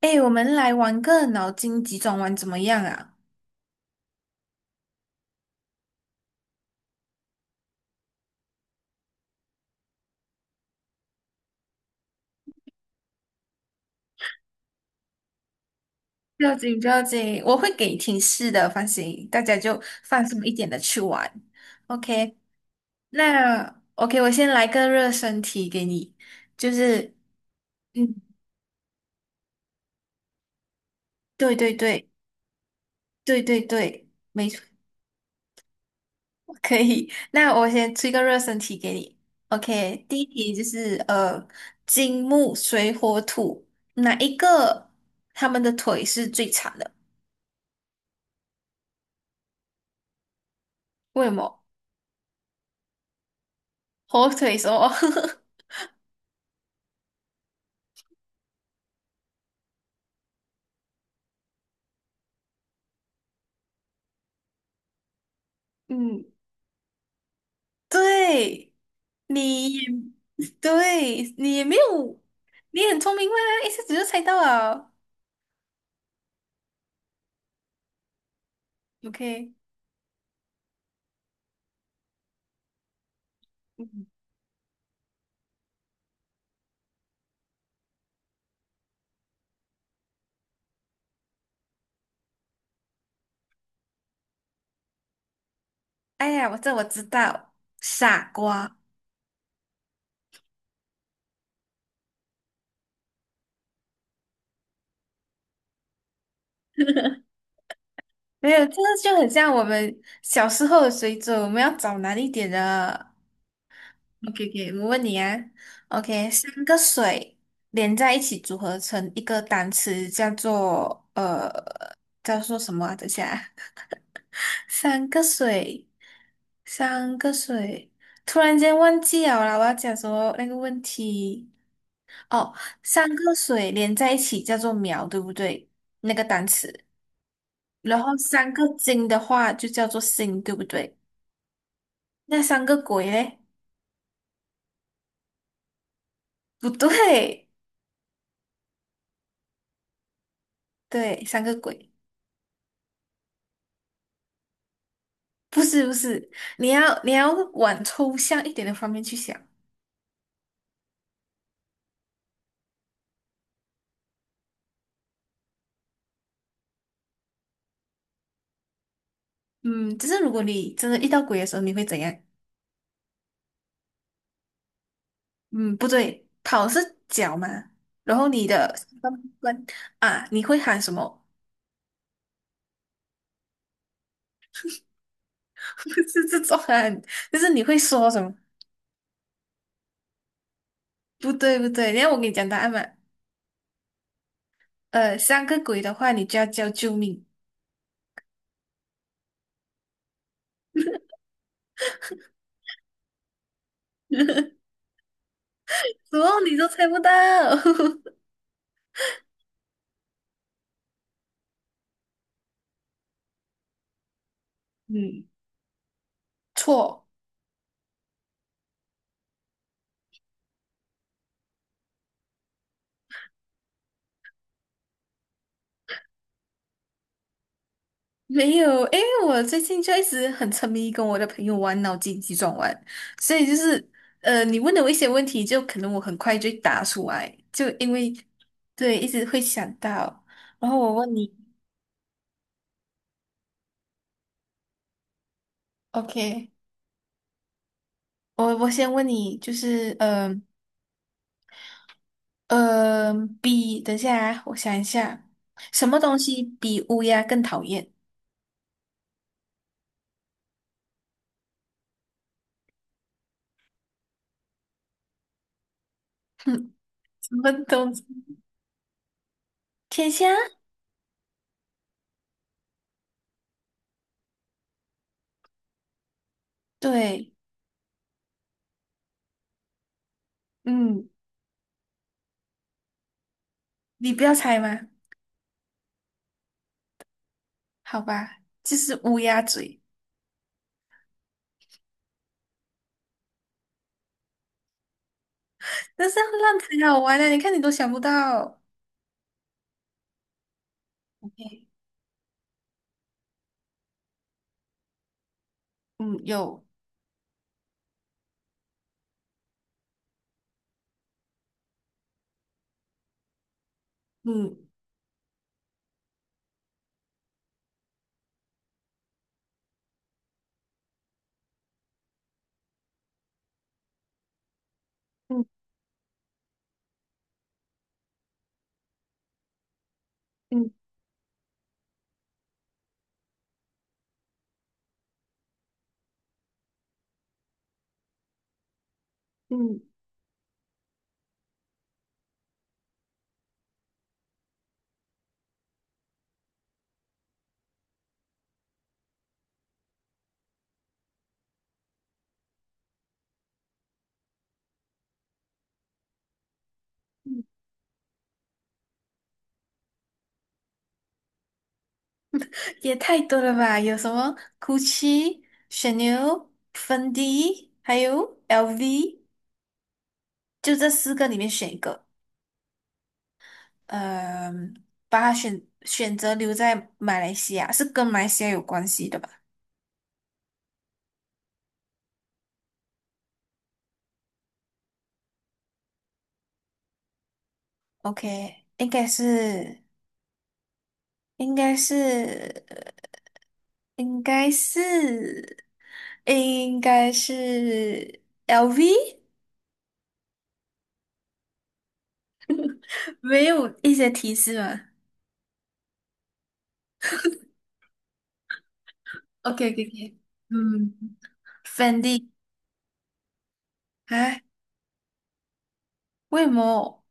哎，我们来玩个脑筋急转弯怎么样啊？不要紧，不要紧，我会给提示的，放心，大家就放松一点的去玩。OK，那 OK，我先来个热身题给你，就是，嗯，对对对，对对对，没错，可以。那我先出一个热身题给你。OK，第一题就是金木水火土哪一个他们的腿是最长的？为什么？火腿什么？嗯，对，你也对，你也没有，你很聪明嘛，一下子就猜到了。OK，嗯，哎呀，我知道，傻瓜，没有，这个就很像我们小时候的水准，我们要找难一点的。OK，OK，我问你啊，OK，三个水连在一起组合成一个单词，叫做叫做什么啊等一下啊三个水，三个水，突然间忘记了啦，我要讲什么那个问题？哦，三个水连在一起叫做苗，对不对？那个单词，然后三个金的话就叫做星，对不对？那三个鬼嘞？不对，对，三个鬼，不是不是，你要往抽象一点的方面去想。嗯，就是如果你真的遇到鬼的时候，你会怎样？嗯，不对，跑是脚嘛，然后你的关关啊，你会喊什么？是这种喊，就是你会说什么？不对不对，然后我给你讲答案嘛，三个鬼的话，你就要叫救命，怎么你都猜不到？嗯，错。没有，诶，我最近就一直很沉迷跟我的朋友玩脑筋急转弯，所以就是你问的我一些问题，就可能我很快就答出来，就因为对一直会想到。然后我问你，OK，我先问你，就是呃呃比等一下啊，我想一下，什么东西比乌鸦更讨厌？哼，什么东西？天下？对，嗯，你不要猜吗？好吧，就是乌鸦嘴。但是要浪才好玩的，你看你都想不到，OK，嗯，有，嗯嗯嗯嗯，也太多了吧？有什么 Gucci、c 牛、a n 还有 LV，就这四个里面选一个，嗯、把它选择留在马来西亚，是跟马来西亚有关系的吧？OK，应该是，应该是，应该是，应该是 LV。没有一些提示吗？OK OK OK，嗯，Fendi，哎，为么？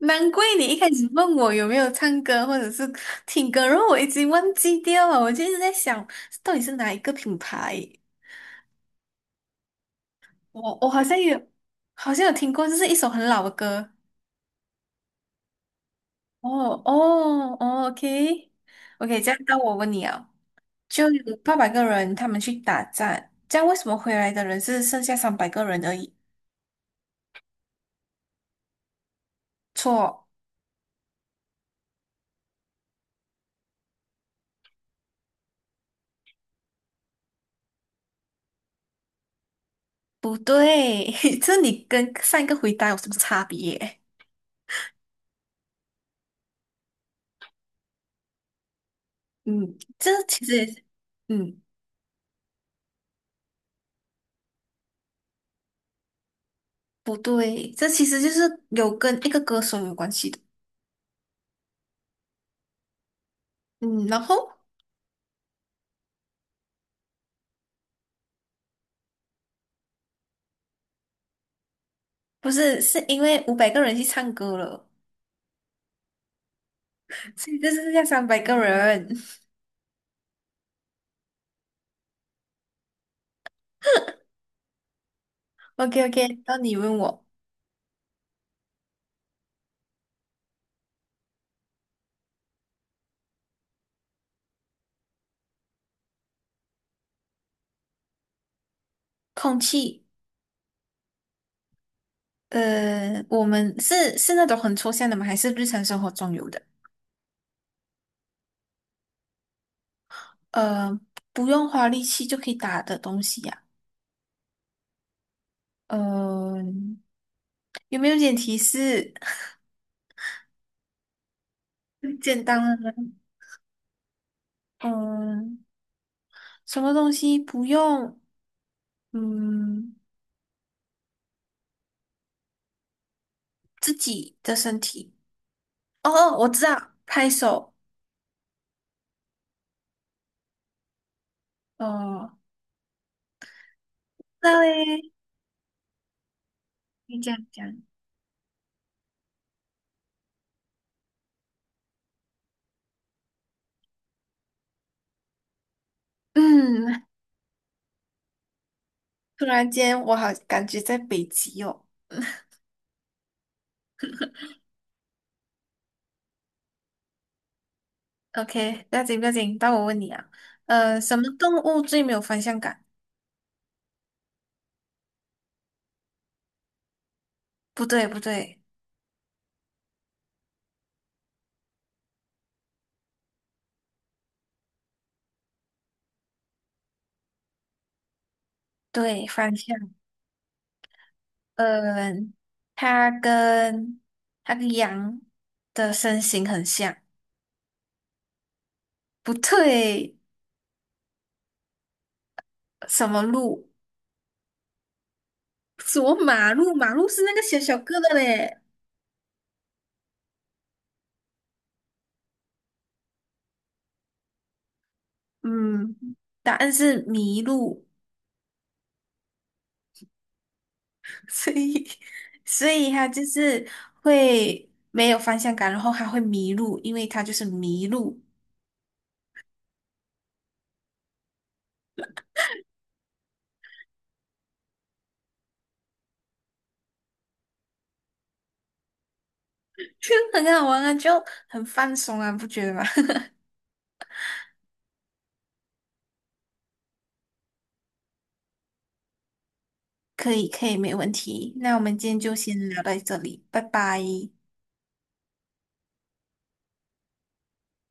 难怪你一开始问我有没有唱歌或者是听歌，然后我已经忘记掉了。我就一直在想，到底是哪一个品牌？我好像有，好像有听过，这是一首很老的歌。哦哦哦，OK OK，这样那我问你啊，就有800个人他们去打战，这样为什么回来的人是剩下三百个人而已？错。不对，这你跟上一个回答有什么差别？嗯，这其实也是，嗯，不对，这其实就是有跟一个歌手有关系的。嗯，然后不是，是因为500个人去唱歌了，所以这是要三百个人。OK OK，那你问我，空气，我们是那种很抽象的吗？还是日常生活中有的？呃，不用花力气就可以打的东西呀、呃，有没有点提示？简单的，嗯，什么东西不用，嗯，自己的身体。哦哦，我知道，拍手。哦，那嘞，你这样讲，嗯，突然间我好感觉在北极哦。OK，不要紧不要紧，到我问你啊，什么动物最没有方向感？不对不对，对方向，嗯、它跟它跟羊的身形很像，不对。什么路？什么马路？马路是那个小小个的嘞。嗯，答案是迷路，所以所以他就是会没有方向感，然后他会迷路，因为他就是迷路，就很好玩啊，就很放松啊，不觉得吗？可以，可以，没问题。那我们今天就先聊到这里，拜拜。